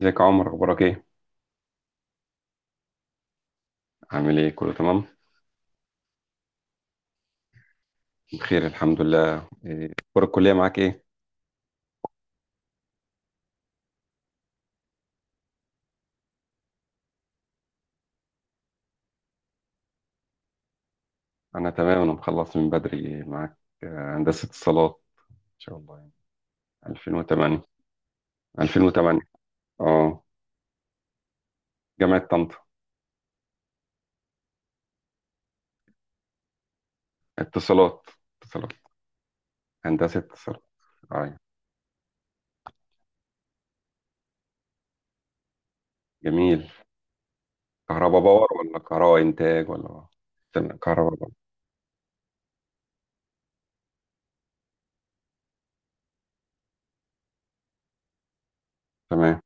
ازيك يا عمر، اخبارك ايه؟ عامل ايه؟ كله تمام؟ بخير الحمد لله. اخبار الكليه معاك ايه؟ انا تمام، انا مخلص من بدري معاك. هندسه اتصالات. ان شاء الله يعني. 2008. 2008. اه. جامعه طنطا. اتصالات. اتصالات. هندسه اتصالات. اه. جميل. كهرباء باور ولا كهرباء انتاج ولا؟ تمام، كهرباء باور. تمام.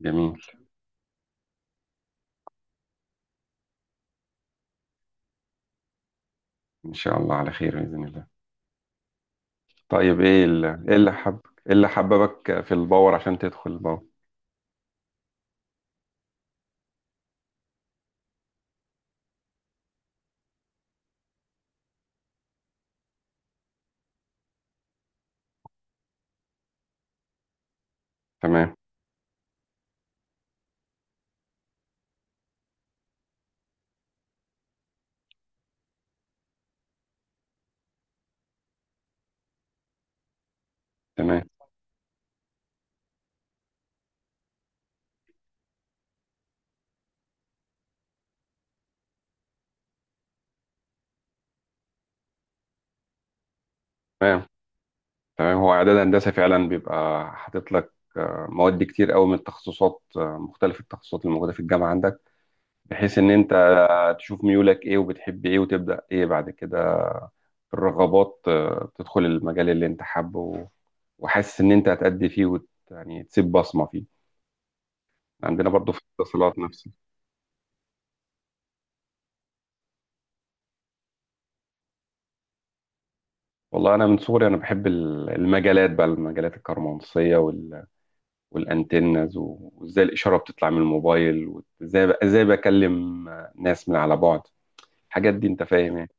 جميل. ان شاء الله على خير، باذن الله. طيب، ايه ال- ايه اللي حب ايه اللي حببك في الباور عشان تدخل الباور؟ تمام. تمام. تمام. تمام. هو اعداد هندسه فعلا بيبقى حاطط لك مواد كتير قوي من التخصصات آه، مختلف التخصصات اللي موجوده في الجامعه عندك، بحيث ان انت تشوف ميولك ايه وبتحب ايه، وتبدا ايه بعد كده. الرغبات تدخل المجال اللي انت حابه وحاسس ان انت هتأدي فيه، يعني تسيب بصمه فيه. عندنا برضو في الاتصالات نفسه. والله انا من صغري، انا بحب المجالات بقى، المجالات الكهرومغناطيسيه والانتنز، وازاي الاشاره بتطلع من الموبايل، وازاي بكلم ناس من على بعد. الحاجات دي انت فاهم يعني.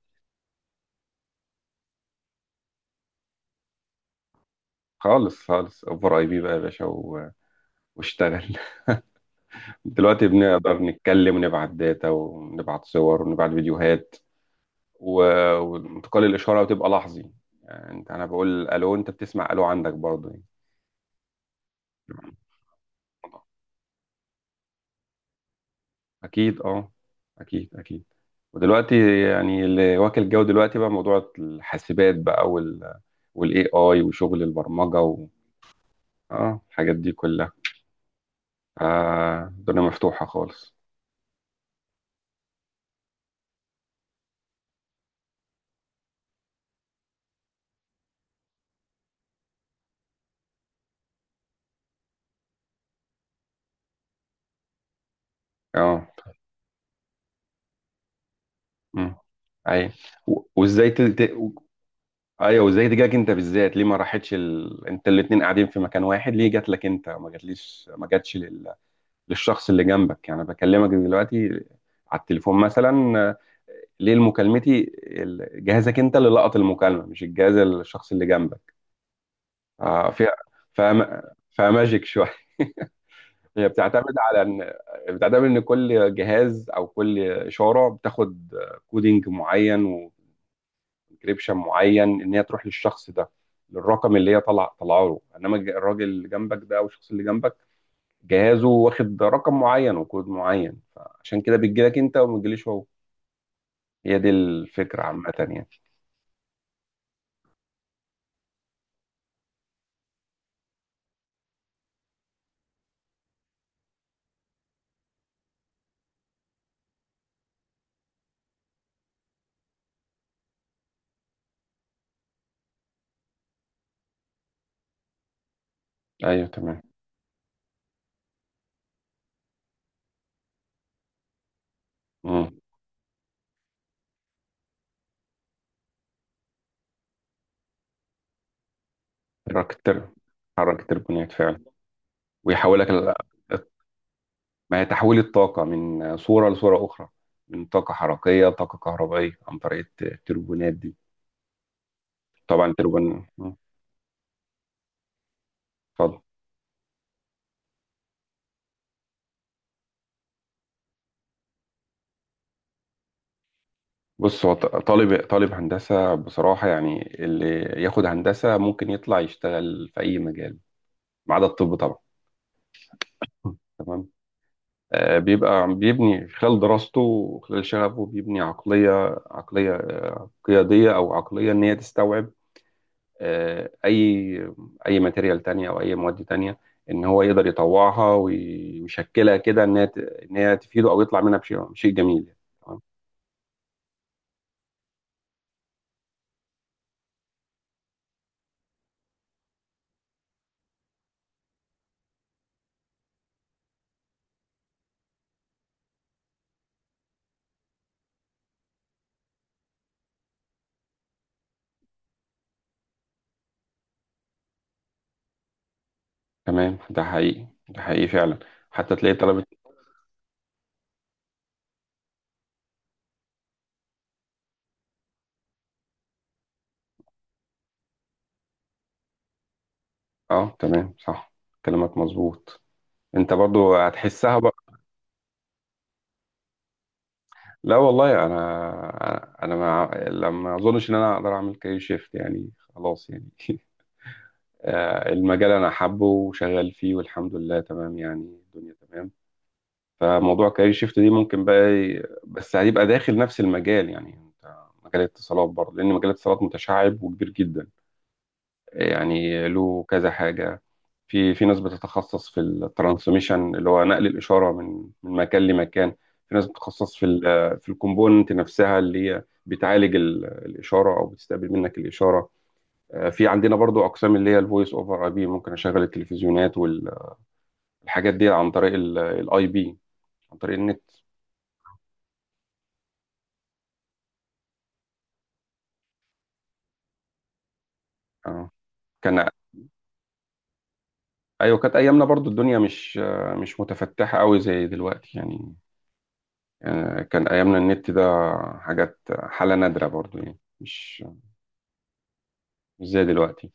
خالص خالص، اوفر اي بي بقى يا باشا واشتغل. دلوقتي بنقدر نتكلم ونبعت داتا ونبعت صور ونبعت فيديوهات و... وانتقال الاشاره وتبقى لحظي، يعني انت انا بقول الو، انت بتسمع الو عندك برضه يعني. اكيد اه، اكيد اكيد. ودلوقتي يعني اللي واكل جو دلوقتي بقى موضوع الحاسبات بقى والاي اي وشغل البرمجه اه، الحاجات دي كلها. آه، الدنيا مفتوحه خالص. اه. مم. ايوه. و- وازاي ت... ت... و- ايوه، وازاي تجاك انت بالذات؟ ليه ما راحتش انت الاتنين قاعدين في مكان واحد، ليه جات لك انت؟ ما جاتليش، ما جاتش للشخص اللي جنبك يعني بكلمك دلوقتي على التليفون مثلا. ليه مكالمتي جهازك انت اللي لقط المكالمه، مش الجهاز الشخص اللي جنبك؟ في فاهم. فماجيك شويه. هي بتعتمد على ان بتعتمد ان كل جهاز او كل اشاره بتاخد كودينج معين، سبسكريبشن معين، ان هي تروح للشخص ده، للرقم اللي هي طلع طلعه له. انما الراجل اللي جنبك ده او الشخص اللي جنبك جهازه واخد رقم معين وكود معين، فعشان كده بتجيلك انت وما بتجيليش هو. هي دي الفكره عامه يعني. ايوه تمام. امم حركت حرك التربونات فعلا. ويحولك ال- ما هي تحويل الطاقه من صوره لصوره اخرى، من طاقه حركيه لطاقه كهربائيه عن طريق التربونات دي. طبعا التربون. مم. اتفضل. بص، هو طالب هندسة بصراحة، يعني اللي ياخد هندسة ممكن يطلع يشتغل في أي مجال ما عدا الطب طبعا. تمام. بيبقى بيبني خلال دراسته وخلال شغفه، بيبني عقلية، عقلية قيادية أو عقلية إن هي تستوعب آه، أي أي ماتيريال تانية أو أي مواد تانية، إن هو يقدر يطوعها ويشكلها كده إن هي تفيده أو يطلع منها شيء جميل يعني. تمام. تمام، ده حقيقي، ده حقيقي فعلا. حتى تلاقي طلبة. اه تمام صح، كلامك مظبوط. انت برضو هتحسها بقى. لا والله، انا ما لما اظنش ان انا اقدر اعمل كارير شيفت يعني خلاص يعني. المجال انا حابه وشغال فيه والحمد لله، تمام يعني الدنيا تمام. فموضوع كارير شيفت دي ممكن بقى بس هيبقى داخل نفس المجال، يعني انت مجال الاتصالات برضه، لان مجال الاتصالات متشعب وكبير جدا، يعني له كذا حاجة. في ناس بتتخصص في الترانسميشن اللي هو نقل الإشارة من مكان لمكان. في ناس بتتخصص في الكومبوننت نفسها اللي هي بتعالج الإشارة أو بتستقبل منك الإشارة. في عندنا برضو أقسام اللي هي الفويس أوفر أي بي، ممكن أشغل التلفزيونات والحاجات دي عن طريق الأي بي، عن طريق النت. آه. كان أيوة كانت أيامنا برضو الدنيا مش مش متفتحة قوي زي دلوقتي يعني. يعني كان أيامنا النت ده حاجات حالة نادرة برضو يعني، مش زي دلوقتي.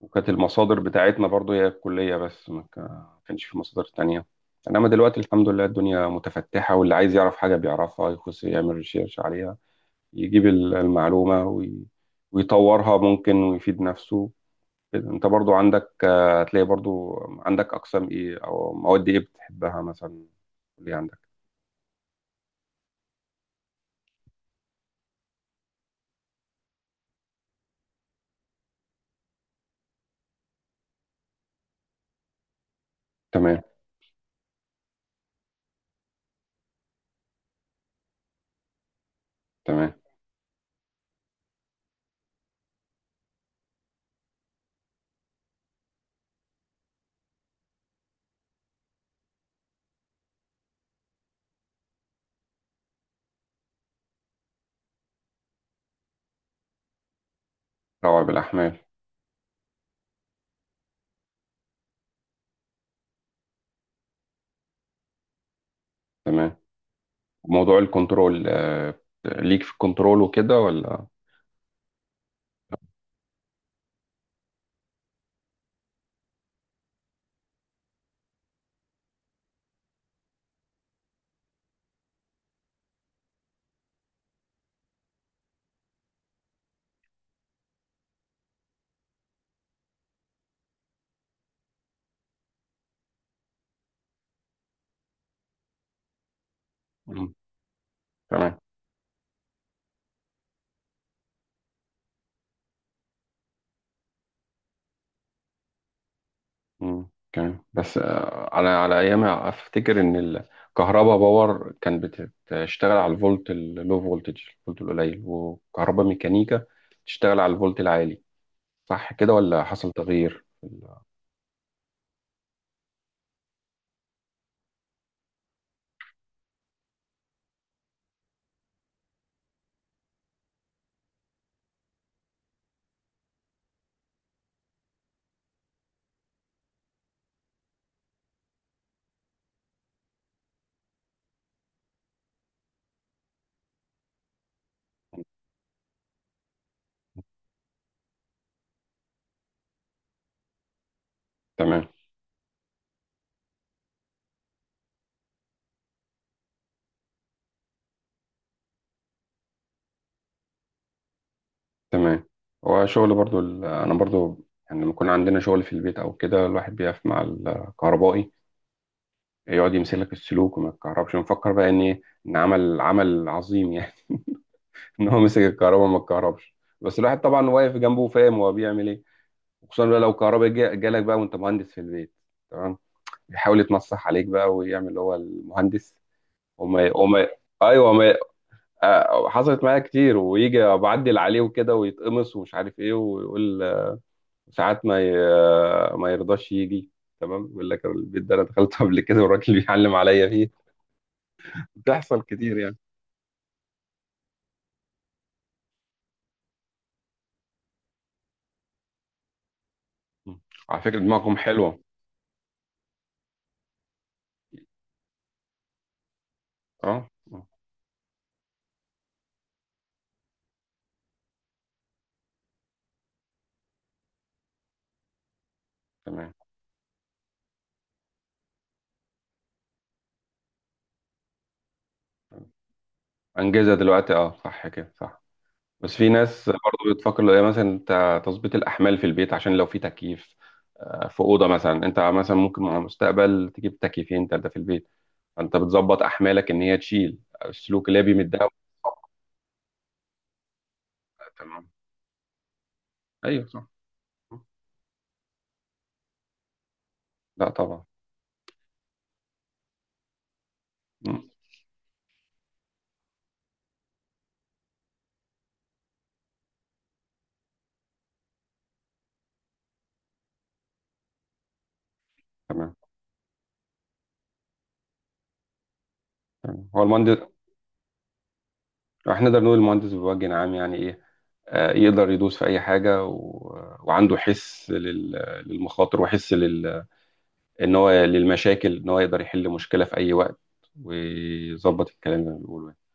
وكانت المصادر بتاعتنا برضو هي الكلية بس، ما كا- كانش في مصادر تانية. إنما دلوقتي الحمد لله، الدنيا متفتحة واللي عايز يعرف حاجة بيعرفها، يخش يعمل ريسيرش عليها، يجيب المعلومة ويطورها، ممكن ويفيد نفسه كده. انت برضو عندك هتلاقي برضو عندك أقسام إيه أو مواد إيه بتحبها مثلا اللي عندك. تمام. تمام. روعة، بالأحمال. تمام، موضوع الكنترول ليك في الكنترول وكده ولا؟ مم. تمام. مم. تمام، بس على على ايام افتكر ان الكهرباء باور كان بتشتغل على الفولت اللو فولتج، الفولت القليل، وكهرباء ميكانيكا تشتغل على الفولت العالي، صح كده ولا حصل تغيير في تمام. تمام، هو شغل برضو انا برضو، يعني لما يكون عندنا شغل في البيت او كده، الواحد بيقف مع الكهربائي يقعد يمسك لك السلوك وما يتكهربش. مفكر بقى ان إيه؟ ان عمل عمل عظيم يعني. ان هو مسك الكهرباء ما اتكهربش. بس الواحد طبعا واقف جنبه وفاهم هو بيعمل ايه. وخصوصا بقى لو كهرباء جالك بقى وانت مهندس في البيت. تمام، بيحاول يتنصح عليك بقى ويعمل هو المهندس. وما ايوه ما آه، حصلت معايا كتير، ويجي بعدل عليه وكده ويتقمص ومش عارف ايه ويقول ساعات ما ي... آه، ما يرضاش يجي. تمام، يقول لك البيت ده انا دخلته قبل كده والراجل بيعلم عليا فيه. بتحصل كتير يعني. مم. على فكرة دماغهم حلوة. اه تمام. انجزها دلوقتي، اه صح كده صح. بس في ناس برضه بتفكر لو هي مثلا تظبيط الاحمال في البيت عشان لو في تكييف، في اوضه مثلا، انت مثلا ممكن مع المستقبل تجيب تكييفين ثلاثه في البيت، فانت بتظبط احمالك ان هي تشيل السلوك اللي هي بيمدها. تمام. ايوه صح، لا طبعا. مم. تمام. تمام هو المهندس، احنا نقدر نقول المهندس بوجه عام يعني ايه. يقدر يدوس في اي حاجه وعنده حس للمخاطر، وحس ان هو للمشاكل، ان هو يقدر يحل مشكله في اي وقت، ويظبط الكلام اللي بنقوله يعني.